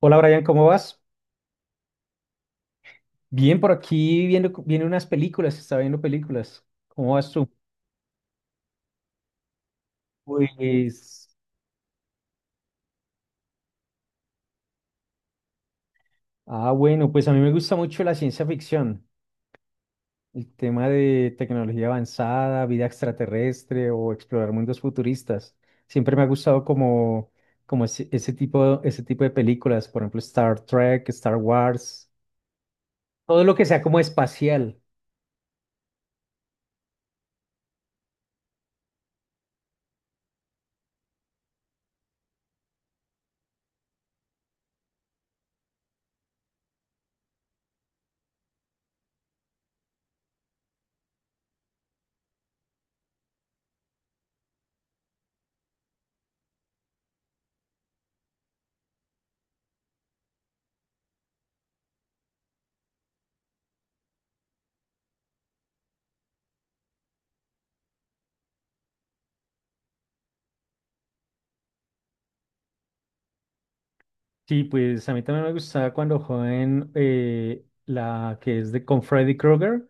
Hola Brian, ¿cómo vas? Bien, por aquí viendo, viene unas películas, está viendo películas. ¿Cómo vas tú? Pues, ah, bueno, pues a mí me gusta mucho la ciencia ficción, el tema de tecnología avanzada, vida extraterrestre o explorar mundos futuristas. Siempre me ha gustado como, como ese tipo, ese tipo de películas, por ejemplo, Star Trek, Star Wars, todo lo que sea como espacial. Sí, pues a mí también me gustaba cuando joven la que es de con Freddy Krueger,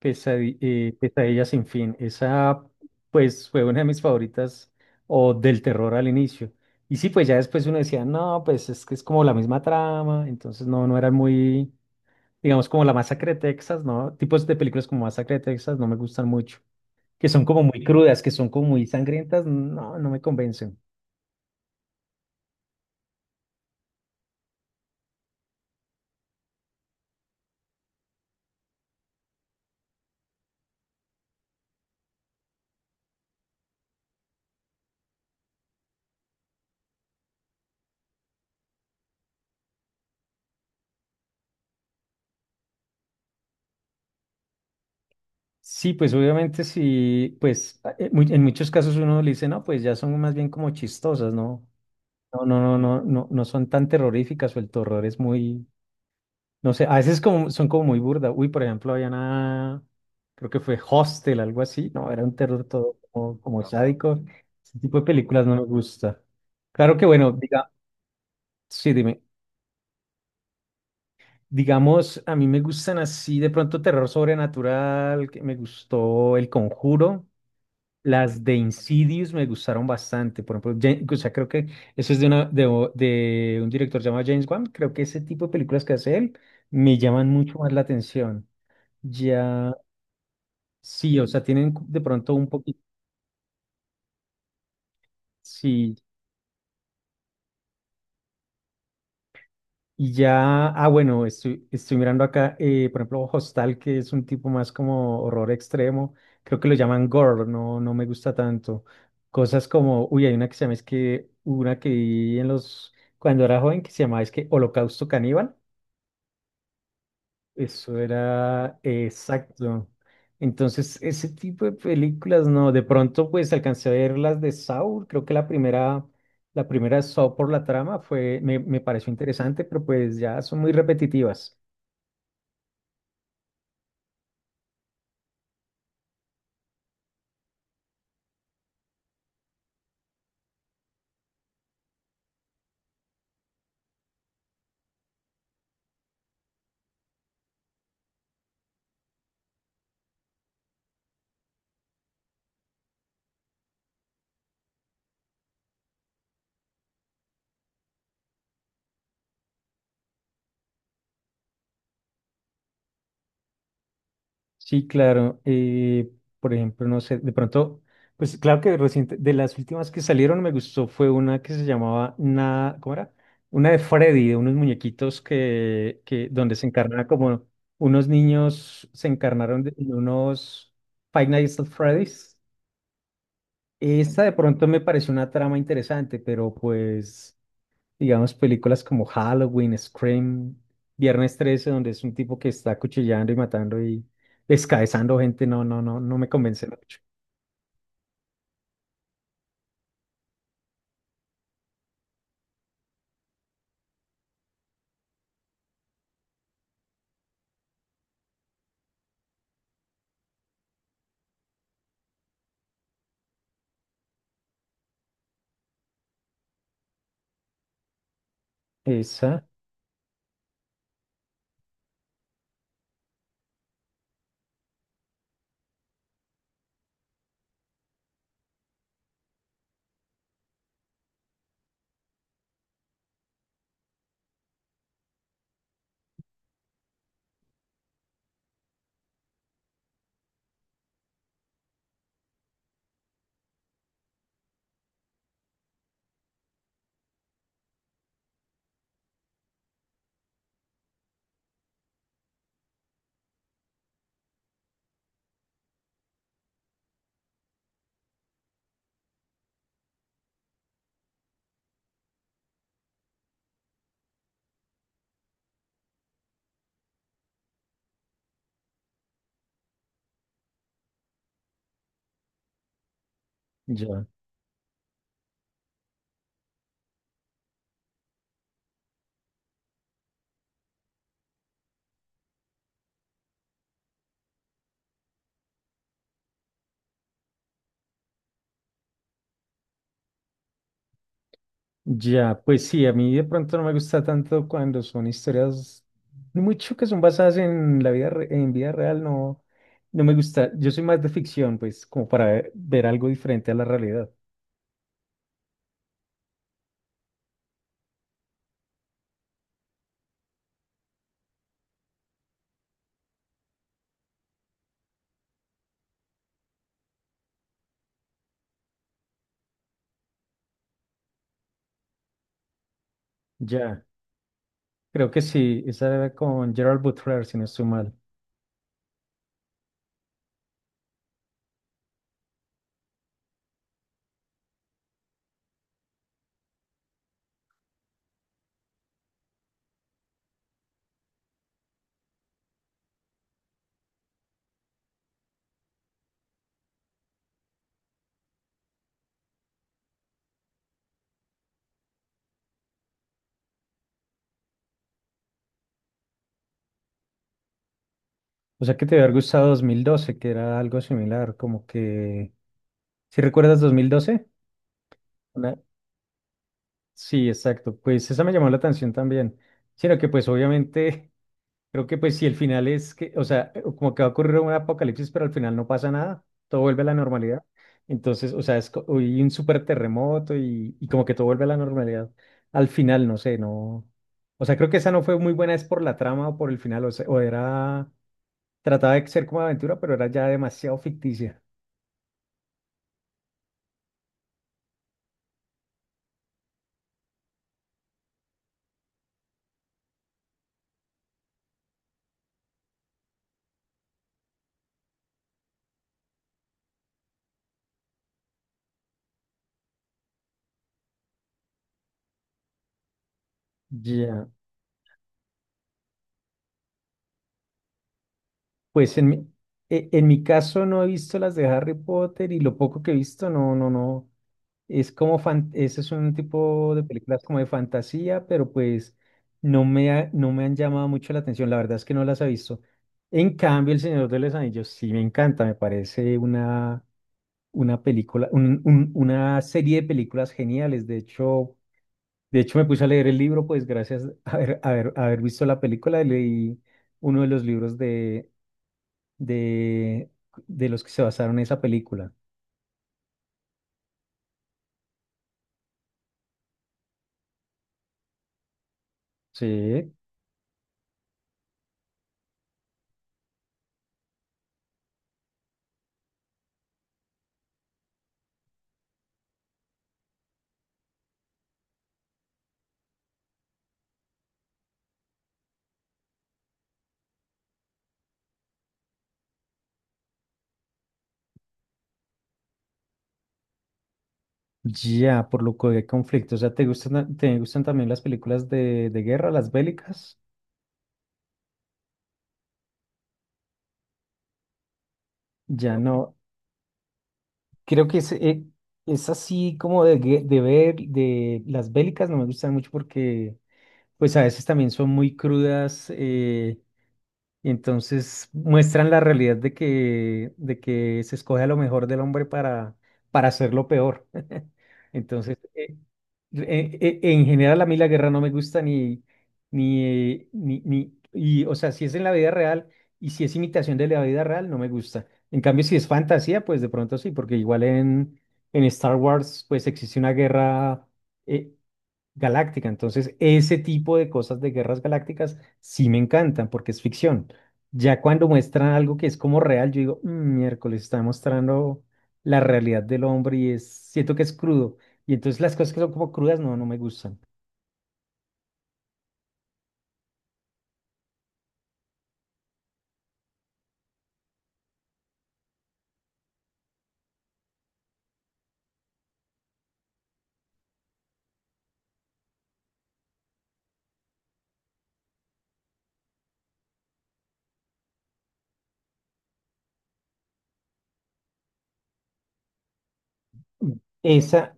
Pesadilla sin fin. Esa pues fue una de mis favoritas o del terror al inicio. Y sí, pues ya después uno decía, no, pues es que es como la misma trama, entonces no, no era muy, digamos, como la Masacre de Texas, ¿no? Tipos de películas como Masacre de Texas no me gustan mucho, que son como muy crudas, que son como muy sangrientas, no, no me convencen. Sí, pues obviamente sí, pues en muchos casos uno le dice, no, pues ya son más bien como chistosas, ¿no? No, no, no, no, no, no son tan terroríficas o el terror es muy, no sé, a veces como, son como muy burda. Uy, por ejemplo, había una, creo que fue Hostel, algo así, no, era un terror todo como, como sádico. Ese tipo de películas no me gusta. Claro que bueno, diga, sí, dime. Digamos, a mí me gustan así de pronto terror sobrenatural, que me gustó El Conjuro. Las de Insidious me gustaron bastante. Por ejemplo, o sea, creo que eso es de, una, de, de un director llamado James Wan. Creo que ese tipo de películas que hace él me llaman mucho más la atención. Ya, sí, o sea, tienen de pronto un poquito. Sí, y ya, ah, bueno, estoy mirando acá, por ejemplo, Hostal, que es un tipo más como horror extremo, creo que lo llaman gore, no, no me gusta tanto. Cosas como, uy, hay una que se llama, es que, una que vi en los, cuando era joven, que se llamaba, es que Holocausto Caníbal, eso era exacto. Entonces, ese tipo de películas, no, de pronto, pues, alcancé a ver las de Saw, creo que la primera... La primera Saw por la trama fue, me pareció interesante, pero pues ya son muy repetitivas. Sí, claro. Por ejemplo, no sé, de pronto, pues claro que reciente, de las últimas que salieron me gustó fue una que se llamaba Na, ¿cómo era? Una de Freddy, de unos muñequitos que donde se encarnaba como unos niños se encarnaron en unos Five Nights at Freddy's. Esta de pronto me pareció una trama interesante, pero pues digamos, películas como Halloween, Scream, Viernes 13, donde es un tipo que está acuchillando y matando y descabezando gente, no, no, no, no me convence mucho. Esa, ya, ya, pues sí, a mí de pronto no me gusta tanto cuando son historias mucho que son basadas en la vida, en vida real, no, no me gusta. Yo soy más de ficción, pues, como para ver, ver algo diferente a la realidad. Ya, creo que sí, esa era con Gerald Butler, si no estoy mal. O sea que te había gustado 2012 que era algo similar, como que... ¿Si recuerdas 2012? Una- sí, exacto. Pues esa me llamó la atención también. Sino que pues obviamente creo que pues si el final es que, o sea, como que va a ocurrir un apocalipsis, pero al final no pasa nada, todo vuelve a la normalidad. Entonces, o sea, y un súper terremoto y como que todo vuelve a la normalidad. Al final, no sé, no... O sea, creo que esa no fue muy buena, es por la trama o por el final, o sea, o era... Trataba de ser como aventura, pero era ya demasiado ficticia. Ya, pues en mi, en mi caso no he visto las de Harry Potter y lo poco que he visto, no, no, no. Es como fan, ese es un tipo de películas como de fantasía, pero pues no me han llamado mucho la atención. La verdad es que no las he visto. En cambio, El Señor de los Anillos sí me encanta, me parece una película, una serie de películas geniales. De hecho me puse a leer el libro, pues gracias a haber visto la película, leí uno de los libros de, de los que se basaron en esa película. Sí, ya, por lo que de conflicto. O sea, ¿te gustan también las películas de guerra, las bélicas? Ya no. Creo que es así como de, de ver, de las bélicas no me gustan mucho porque, pues a veces también son muy crudas. Y entonces muestran la realidad de que se escoge a lo mejor del hombre para hacerlo peor. Entonces, en general, a mí la guerra no me gusta ni, ni y, o sea, si es en la vida real y si es imitación de la vida real, no me gusta. En cambio, si es fantasía, pues de pronto sí, porque igual en Star Wars, pues existe una guerra. eh, Galáctica. Entonces, ese tipo de cosas de guerras galácticas sí me encantan porque es ficción. Ya cuando muestran algo que es como real, yo digo, "Mm, miércoles, está mostrando la realidad del hombre y es, siento que es crudo. Y entonces las cosas que son como crudas, no, no me gustan. Esa,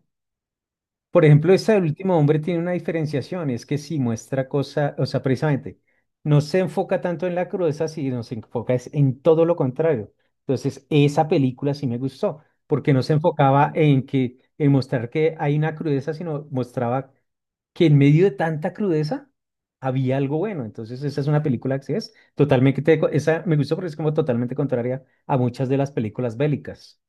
por ejemplo, este del último hombre tiene una diferenciación, es que sí muestra cosa, o sea, precisamente, no se enfoca tanto en la crudeza, sino se enfoca es en todo lo contrario. Entonces, esa película sí me gustó, porque no se enfocaba en que en mostrar que hay una crudeza, sino mostraba que en medio de tanta crudeza había algo bueno. Entonces, esa es una película que sí es totalmente, esa me gustó porque es como totalmente contraria a muchas de las películas bélicas.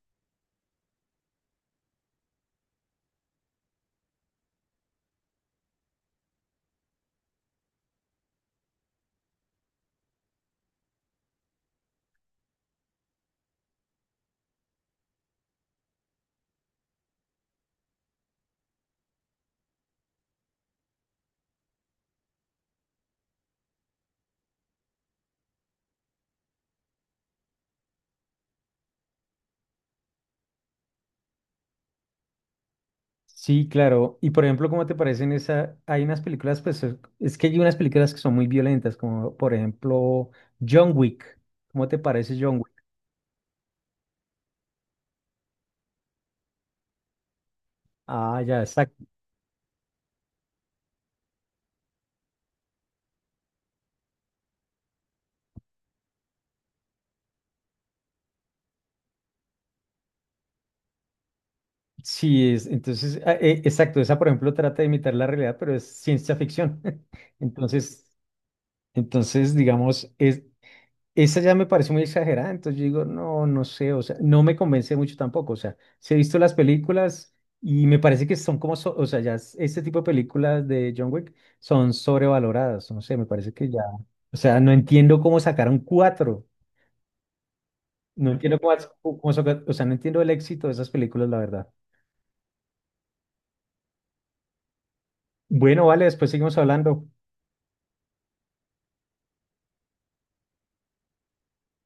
Sí, claro. Y por ejemplo, ¿cómo te parecen esa? Hay unas películas, pues es que hay unas películas que son muy violentas, como por ejemplo John Wick. ¿Cómo te parece John Wick? Ah, ya, exacto. Sí, es, entonces, exacto, esa por ejemplo trata de imitar la realidad, pero es ciencia ficción. Entonces, entonces, digamos, es, esa ya me parece muy exagerada, entonces yo digo, no, no sé, o sea, no me convence mucho tampoco, o sea, sí he visto las películas y me parece que son como, o sea, ya este tipo de películas de John Wick son sobrevaloradas, no sé, me parece que ya, o sea, no entiendo cómo sacaron cuatro, no entiendo cómo, o sea, no entiendo el éxito de esas películas, la verdad. Bueno, vale, después seguimos hablando.